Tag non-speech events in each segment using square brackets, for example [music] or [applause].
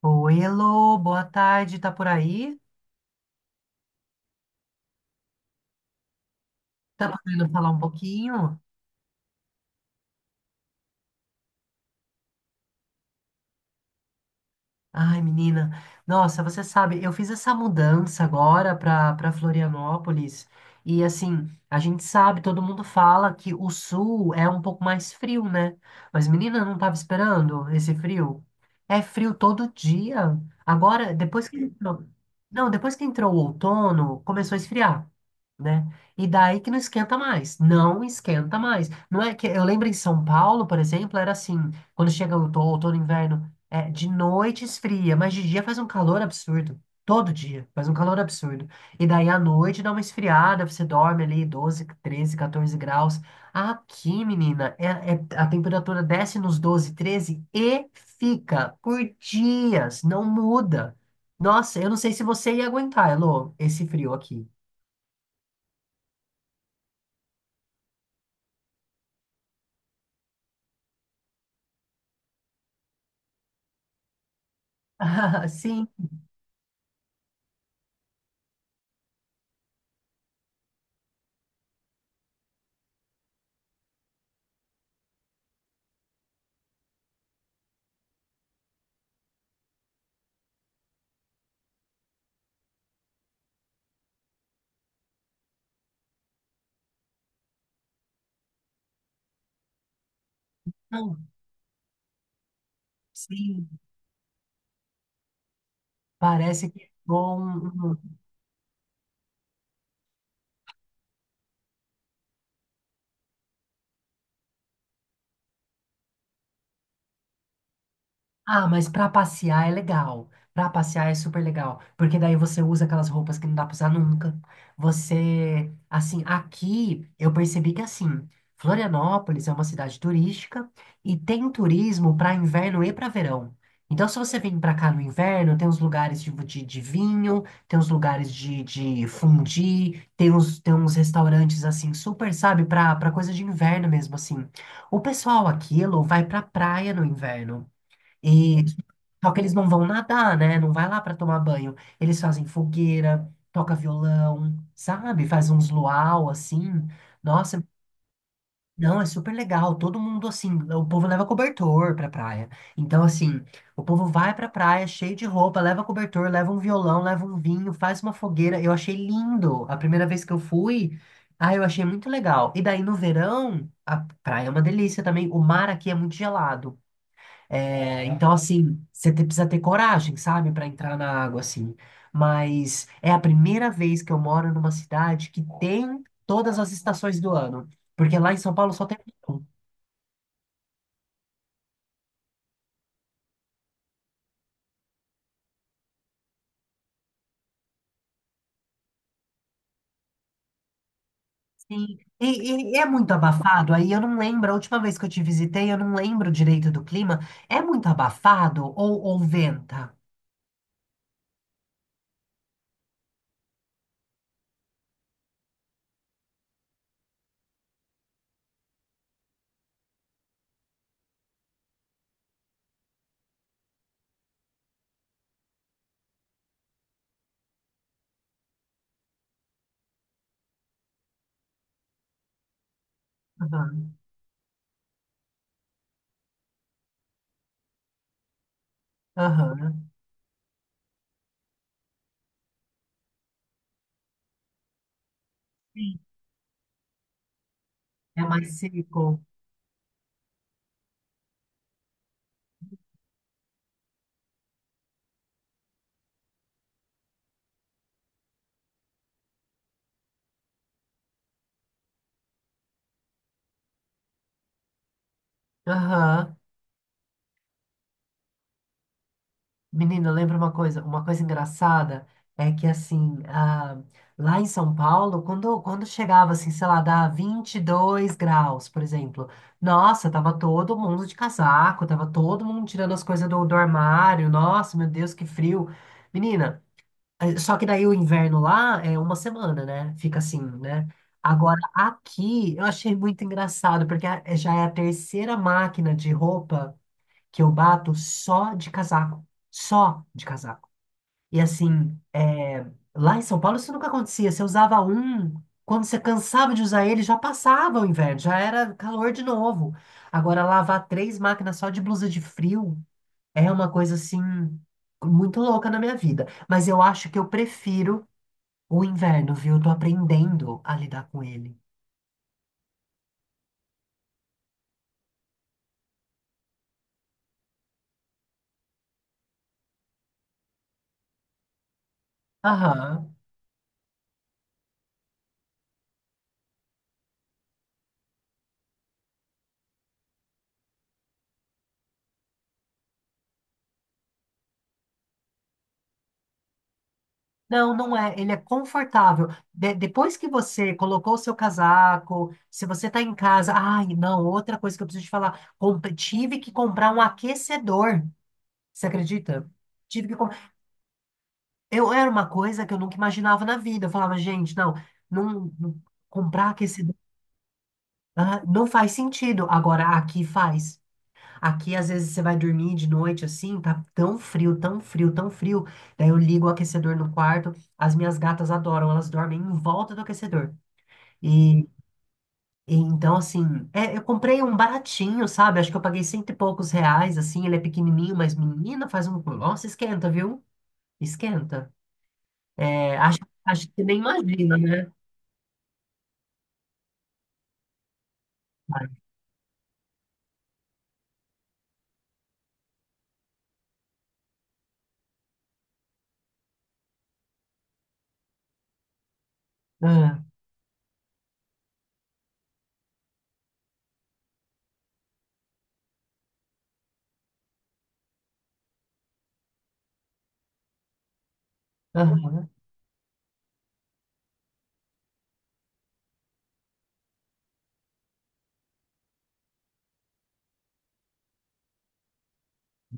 Oi, Elô, boa tarde, tá por aí? Tá podendo falar um pouquinho? Ai, menina, nossa, você sabe, eu fiz essa mudança agora para Florianópolis e assim, a gente sabe, todo mundo fala que o sul é um pouco mais frio, né? Mas menina, eu não tava esperando esse frio. É frio todo dia. Agora, depois que entrou, não, depois que entrou o outono, começou a esfriar, né? E daí que não esquenta mais, não esquenta mais. Não é que eu lembro em São Paulo, por exemplo, era assim, quando chega o outono, outono, inverno é, de noite esfria, mas de dia faz um calor absurdo. Todo dia faz um calor absurdo. E daí à noite dá uma esfriada, você dorme ali 12, 13, 14 graus. Aqui, menina, é, a temperatura desce nos 12, 13 e fica por dias, não muda. Nossa, eu não sei se você ia aguentar, Elô, esse frio aqui. [laughs] Sim, não, sim, parece que é bom. Ah, mas pra passear é legal. Pra passear é super legal, porque daí você usa aquelas roupas que não dá pra usar nunca. Você, assim, aqui eu percebi que assim, Florianópolis é uma cidade turística e tem turismo pra inverno e pra verão. Então, se você vem pra cá no inverno, tem uns lugares de vinho, tem uns lugares de fondue, tem uns restaurantes assim, super, sabe, pra, pra coisa de inverno mesmo, assim. O pessoal aqui, Elô, vai pra praia no inverno. E só que eles não vão nadar, né? Não vai lá para tomar banho. Eles fazem fogueira, toca violão, sabe? Faz uns luau assim. Nossa, não, é super legal. Todo mundo assim, o povo leva cobertor pra praia. Então assim, o povo vai pra praia cheio de roupa, leva cobertor, leva um violão, leva um vinho, faz uma fogueira. Eu achei lindo. A primeira vez que eu fui, ah, eu achei muito legal. E daí no verão, a praia é uma delícia também. O mar aqui é muito gelado. É, então, assim, precisa ter coragem, sabe, para entrar na água, assim. Mas é a primeira vez que eu moro numa cidade que tem todas as estações do ano. Porque lá em São Paulo só tem verão. Sim. E é muito abafado. Aí eu não lembro, a última vez que eu te visitei, eu não lembro direito do clima. É muito abafado ou venta? Aham. Aham. É mais seco. Aham. Menina, lembra uma coisa engraçada é que assim, ah, lá em São Paulo, quando, quando chegava assim, sei lá, dá 22 graus, por exemplo, nossa, tava todo mundo de casaco, tava todo mundo tirando as coisas do, do armário, nossa, meu Deus, que frio. Menina, só que daí o inverno lá é 1 semana, né? Fica assim, né? Agora aqui eu achei muito engraçado, porque já é a 3.ª máquina de roupa que eu bato só de casaco, só de casaco. E assim, é, lá em São Paulo isso nunca acontecia. Você usava um, quando você cansava de usar ele, já passava o inverno, já era calor de novo. Agora, lavar 3 máquinas só de blusa de frio é uma coisa assim, muito louca na minha vida. Mas eu acho que eu prefiro o inverno, viu? Eu tô aprendendo a lidar com ele. Aham. Não, não é. Ele é confortável. Depois que você colocou o seu casaco, se você tá em casa, ai, não, outra coisa que eu preciso te falar, tive que comprar um aquecedor. Você acredita? Tive que comprar. Eu era uma coisa que eu nunca imaginava na vida. Eu falava, gente, não, não, não- comprar aquecedor, ah, não faz sentido. Agora aqui faz. Aqui, às vezes, você vai dormir de noite assim, tá tão frio, tão frio, tão frio. Daí eu ligo o aquecedor no quarto. As minhas gatas adoram, elas dormem em volta do aquecedor. E, e então, assim, é, eu comprei um baratinho, sabe? Acho que eu paguei R$ 100 e poucos, assim. Ele é pequenininho, mas menina, faz um. Nossa, esquenta, viu? Esquenta. É, acho, acho que você nem imagina, né? Ah, aham.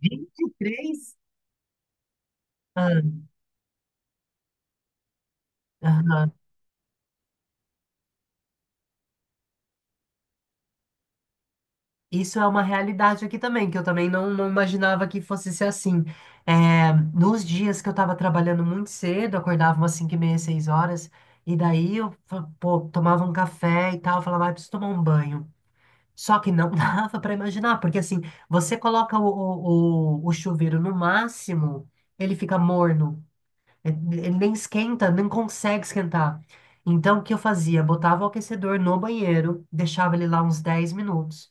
23. Ah, aham. Isso é uma realidade aqui também, que eu também não, não imaginava que fosse ser assim. É, nos dias que eu estava trabalhando muito cedo, acordava umas 5:30, 6 horas, e daí eu pô, tomava um café e tal, falava, ah, preciso tomar um banho. Só que não [laughs] dava para imaginar, porque assim, você coloca o chuveiro no máximo, ele fica morno, ele ele nem esquenta, nem consegue esquentar. Então, o que eu fazia? Botava o aquecedor no banheiro, deixava ele lá uns 10 minutos.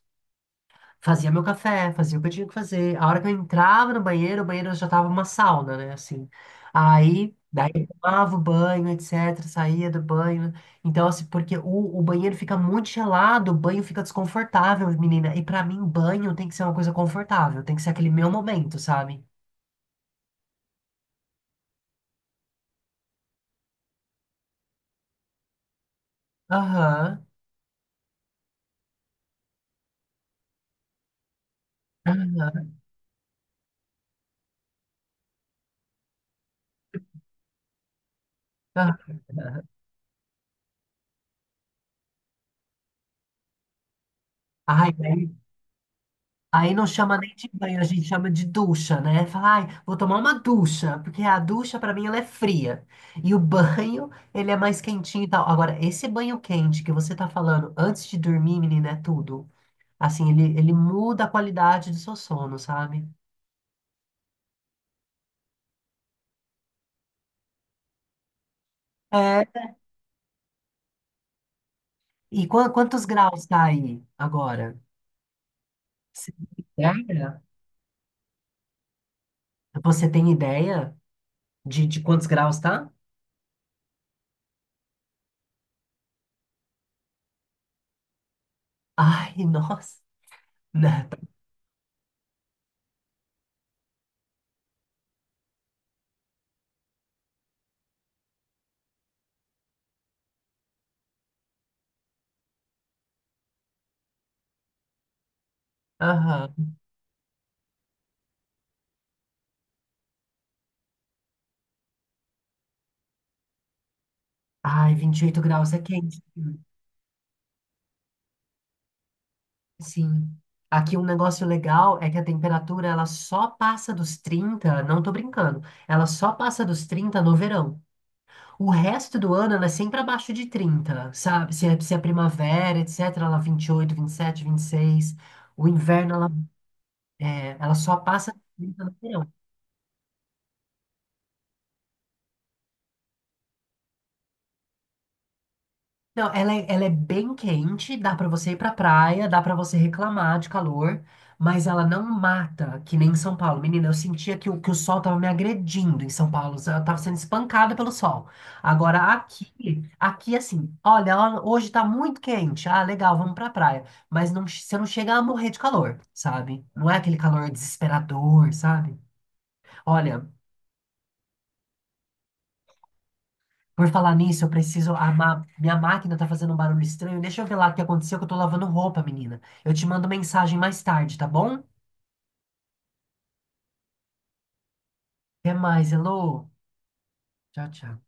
Fazia meu café, fazia o que eu tinha que fazer. A hora que eu entrava no banheiro, o banheiro já tava uma sauna, né? Assim. Aí, daí eu tomava o banho, etc. Saía do banho. Então, assim, porque o banheiro fica muito gelado, o banho fica desconfortável, menina. E pra mim, banho tem que ser uma coisa confortável, tem que ser aquele meu momento, sabe? Aham. Aham. Ai, aí não chama nem de banho, a gente chama de ducha, né? Fala, ai, vou tomar uma ducha, porque a ducha pra mim ela é fria. E o banho, ele é mais quentinho e tal. Agora, esse banho quente que você tá falando antes de dormir, menina, é tudo. Assim, ele muda a qualidade do seu sono, sabe? É, e quantos graus tá aí agora? Você tem ideia? Você tem ideia de quantos graus tá? Ai, nossa. [laughs] Né? Aham. Ai, 28 graus é quente. Sim. Aqui um negócio legal é que a temperatura ela só passa dos 30, não tô brincando, ela só passa dos 30 no verão. O resto do ano ela é sempre abaixo de 30, sabe? Se é, se é primavera, etc, ela 20 vinte e oito, 27, 26. O inverno ela, é, ela só passa dos 30 no verão. Não, ela é bem quente, dá pra você ir pra praia, dá pra você reclamar de calor, mas ela não mata, que nem em São Paulo. Menina, eu sentia que o sol tava me agredindo em São Paulo, eu tava sendo espancada pelo sol. Agora aqui, aqui assim, olha, ó, hoje tá muito quente, ah, legal, vamos pra praia, mas não, você não chega a morrer de calor, sabe? Não é aquele calor desesperador, sabe? Olha, por falar nisso, eu preciso armar. Minha máquina tá fazendo um barulho estranho. Deixa eu ver lá o que aconteceu, que eu tô lavando roupa, menina. Eu te mando mensagem mais tarde, tá bom? Até mais, hello. Tchau, tchau.